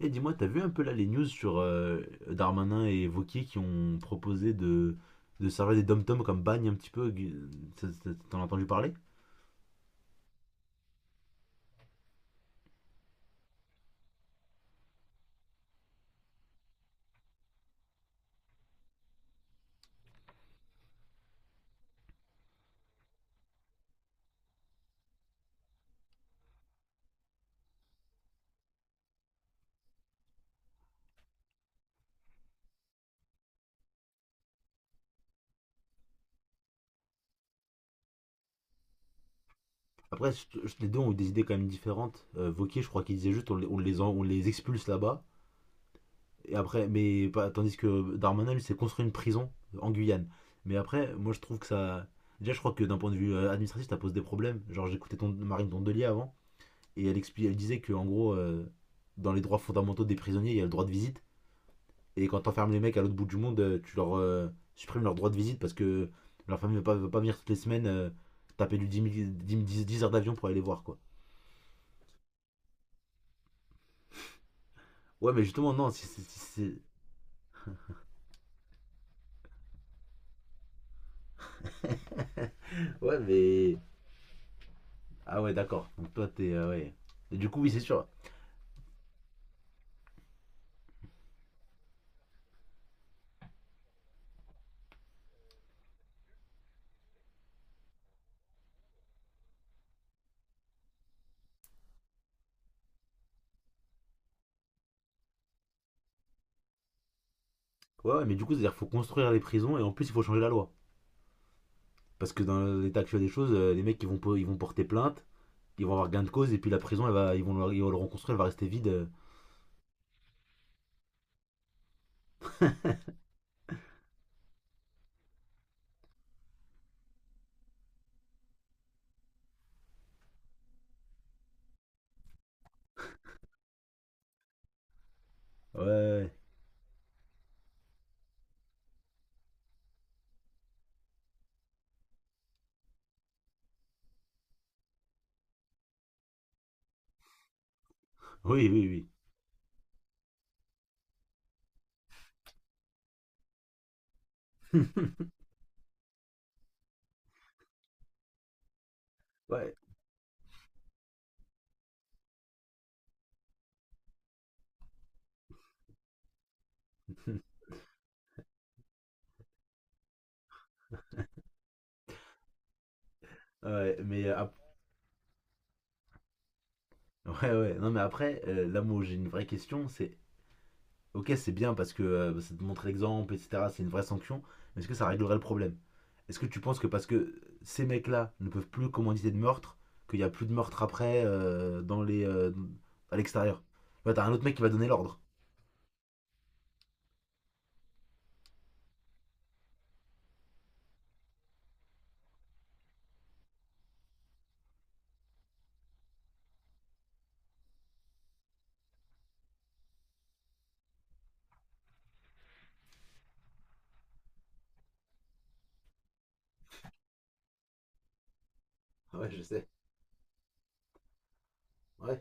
Et dis-moi, t'as vu un peu là les news sur Darmanin et Wauquiez qui ont proposé de servir des dom-toms comme bagne un petit peu t'en as entendu parler? Après, les deux ont eu des idées quand même différentes. Wauquiez, je crois qu'il disait juste on les expulse là-bas. Et après, tandis que Darmanin, lui, s'est construit une prison en Guyane. Mais après, moi je trouve que ça. Déjà, je crois que d'un point de vue administratif, ça pose des problèmes. Genre, j'écoutais Marine Tondelier avant, et elle, elle disait que en gros, dans les droits fondamentaux des prisonniers, il y a le droit de visite. Et quand t'enfermes les mecs à l'autre bout du monde, tu leur supprimes leur droit de visite parce que leur famille ne veut pas, veut pas venir toutes les semaines taper du 10 000 10 heures d'avion pour aller les voir, quoi. Ouais, mais justement, non, si c'est, si, si. Ouais, mais. Ah ouais, d'accord. Donc toi, t'es. Ouais. Et du coup, oui, c'est sûr. Ouais, ouais, mais du coup, c'est-à-dire qu'il faut construire les prisons et en plus, il faut changer la loi. Parce que dans l'état actuel des choses, les mecs, ils vont porter plainte, ils vont avoir gain de cause et puis la prison, elle va, ils vont le reconstruire, elle va rester vide. Ouais. Ouais, ouais. Oui, oui, oui. Ouais, ouais, mais, ouais, ouais. Non, mais après, là, moi, j'ai une vraie question. Ok, c'est bien parce que ça te montre l'exemple, etc. C'est une vraie sanction. Mais est-ce que ça réglerait le problème? Est-ce que tu penses que parce que ces mecs-là ne peuvent plus commanditer de meurtre, qu'il n'y a plus de meurtre après à l'extérieur? Ouais, t'as un autre mec qui va donner l'ordre. Ouais, je sais. Ouais,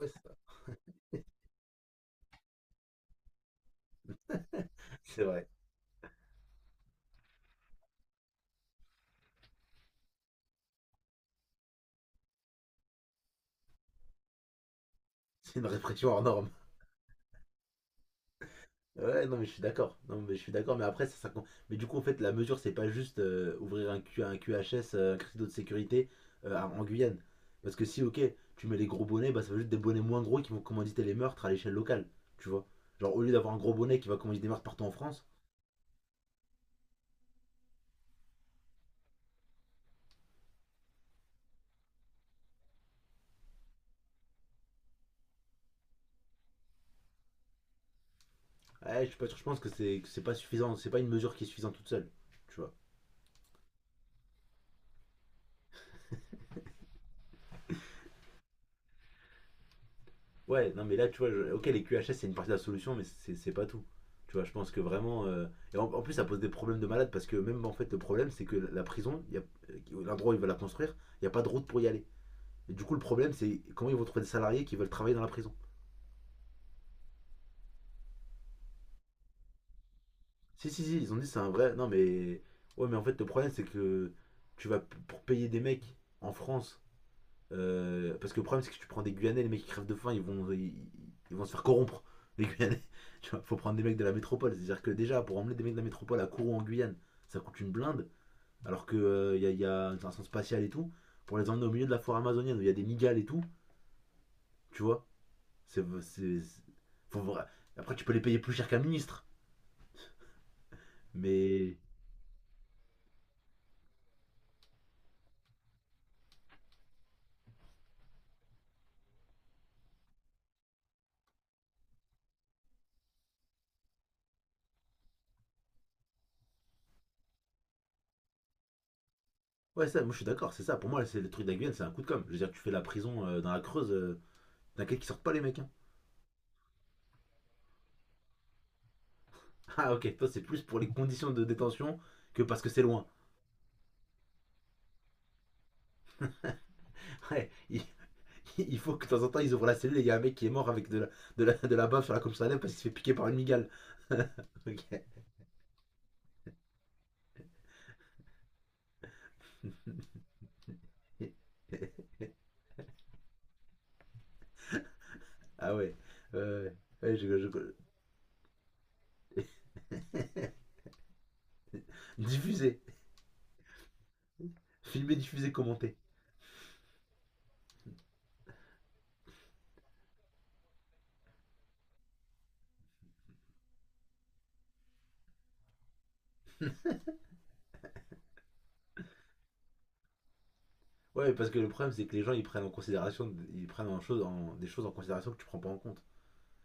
ouais, c'est vrai. C'est vrai. C'est une répression hors norme. Ouais, non, mais je suis d'accord. Non, mais je suis d'accord. Mais après, mais du coup, en fait, la mesure, c'est pas juste un QHS, un critère de sécurité en Guyane. Parce que si, ok, tu mets les gros bonnets, bah, ça va juste des bonnets moins gros qui vont commanditer les meurtres à l'échelle locale. Tu vois? Genre, au lieu d'avoir un gros bonnet qui va commanditer des meurtres partout en France, ouais, je suis pas sûr, je pense que c'est pas suffisant. C'est pas une mesure qui est suffisante toute seule. Tu vois? Ouais, non, mais là, tu vois, ok, les QHS, c'est une partie de la solution, mais c'est pas tout. Tu vois, je pense que vraiment. Et en plus, ça pose des problèmes de malade parce que même en fait, le problème, c'est que la prison, il y a... l'endroit où ils veulent la construire, il n'y a pas de route pour y aller. Et du coup, le problème, c'est comment ils vont trouver des salariés qui veulent travailler dans la prison. Si, si, si, ils ont dit c'est un vrai. Non, mais. Ouais, mais en fait, le problème, c'est que pour payer des mecs en France. Parce que le problème, c'est que tu prends des Guyanais, les mecs qui crèvent de faim, ils vont se faire corrompre, les Guyanais. Tu vois, faut prendre des mecs de la métropole. C'est-à-dire que déjà, pour emmener des mecs de la métropole à Kourou en Guyane, ça coûte une blinde, alors qu'il il y, a, y a une station spatiale et tout. Pour les emmener au milieu de la forêt amazonienne où il y a des migales et tout, tu vois, c'est. C'est- faut après, tu peux les payer plus cher qu'un ministre, mais. Ouais, ça, moi je suis d'accord, c'est ça. Pour moi, c'est le truc de la Guyane, c'est un coup de com'. Je veux dire, tu fais la prison dans la Creuse, t'inquiète qu'ils sortent pas les mecs, hein. Ah ok, toi c'est plus pour les conditions de détention que parce que c'est loin. Ouais, il faut que de temps en temps ils ouvrent la cellule et il y a un mec qui est mort avec de la bave sur la comme ça parce qu'il s'est fait piquer par une migale. Ok. Ah ouais. Euh, ouais, Ouais, je, je- je... Diffuser. Filmer, diffuser, commenter. Ouais, parce que le problème c'est que les gens ils prennent en considération, ils prennent en chose, en- des choses en considération que tu prends pas en compte.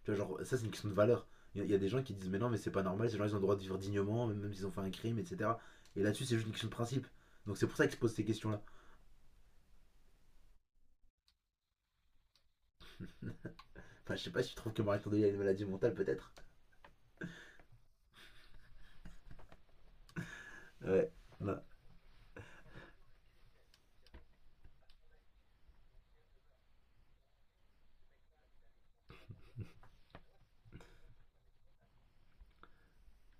Tu vois, genre, ça c'est une question de valeur. Y a des gens qui disent mais non mais c'est pas normal, ces gens ils ont le droit de vivre dignement, même s'ils ont fait un crime, etc. Et là-dessus c'est juste une question de principe. Donc c'est pour ça qu'ils se posent ces questions-là. Enfin, je sais pas si tu trouves que Marie Kondo a une maladie mentale, peut-être. Ouais. Non.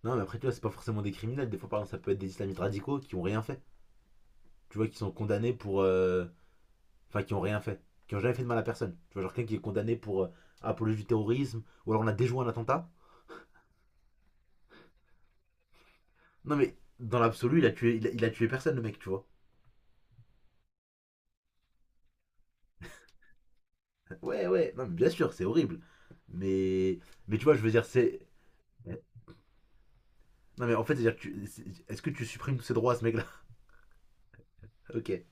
Non, mais après, tu vois, c'est pas forcément des criminels. Des fois, par exemple, ça peut être des islamistes radicaux qui ont rien fait. Tu vois, qui sont condamnés pour. Enfin, qui ont rien fait. Qui ont jamais fait de mal à personne. Tu vois, genre quelqu'un qui est condamné pour apologie du terrorisme. Ou alors on a déjoué un attentat. Non, mais dans l'absolu, il a tué personne, le mec, tu vois. Ouais, ouais. Non, mais bien sûr, c'est horrible. Mais. Mais tu vois, je veux dire, c'est. Non, mais en fait, c'est-à-dire, que tu... c'est- est-ce que tu supprimes tous ses droits à ce mec-là? Ok. Oui,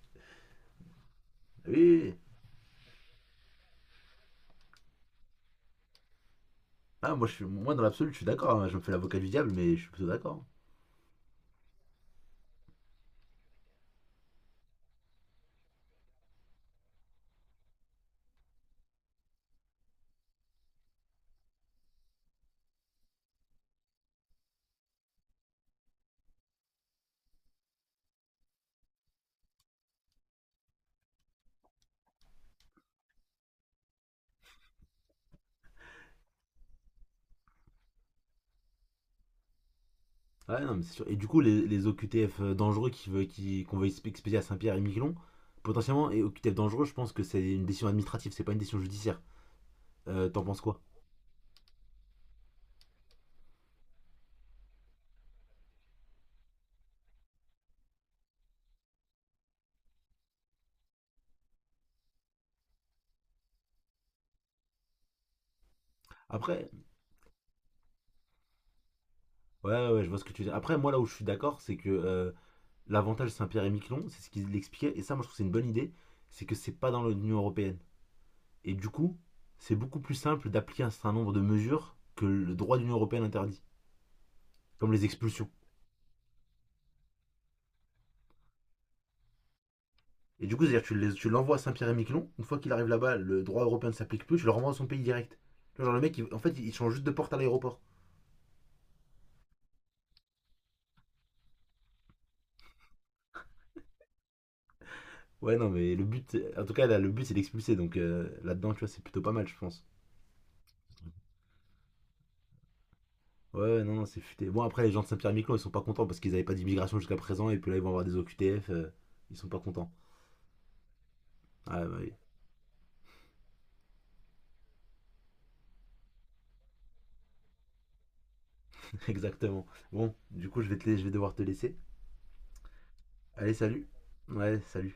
oui, oui. Ah, moi dans l'absolu, je suis d'accord, hein. Je me fais l'avocat du diable, mais je suis plutôt d'accord. Ouais, non, mais c'est sûr. Et du coup, les OQTF dangereux qu'on veut expédier à Saint-Pierre et Miquelon, potentiellement, et OQTF dangereux, je pense que c'est une décision administrative, c'est pas une décision judiciaire. T'en penses quoi? Après, ouais, ouais, je vois ce que tu veux dire. Après, moi, là où je suis d'accord, c'est que l'avantage Saint-Pierre et Miquelon, c'est ce qu'ils expliquaient, et ça, moi, je trouve que c'est une bonne idée, c'est que c'est pas dans l'Union Européenne. Et du coup, c'est beaucoup plus simple d'appliquer un certain nombre de mesures que le droit de l'Union Européenne interdit, comme les expulsions. Et du coup, c'est-à-dire que tu l'envoies à Saint-Pierre-et-Miquelon, une fois qu'il arrive là-bas, le droit européen ne s'applique plus, tu le renvoies dans son pays direct. Genre le mec, en fait, il change juste de porte à l'aéroport. Ouais, non, mais le but, en tout cas, là, le but, c'est d'expulser, donc là-dedans, tu vois, c'est plutôt pas mal, je pense. Ouais, ouais, non, non, c'est futé. Bon, après, les gens de Saint-Pierre-et-Miquelon, ils sont pas contents parce qu'ils n'avaient pas d'immigration jusqu'à présent, et puis là, ils vont avoir des OQTF, ils sont pas contents. Ah, bah oui, exactement. Bon, du coup, je vais devoir te laisser. Allez, salut. Ouais, salut.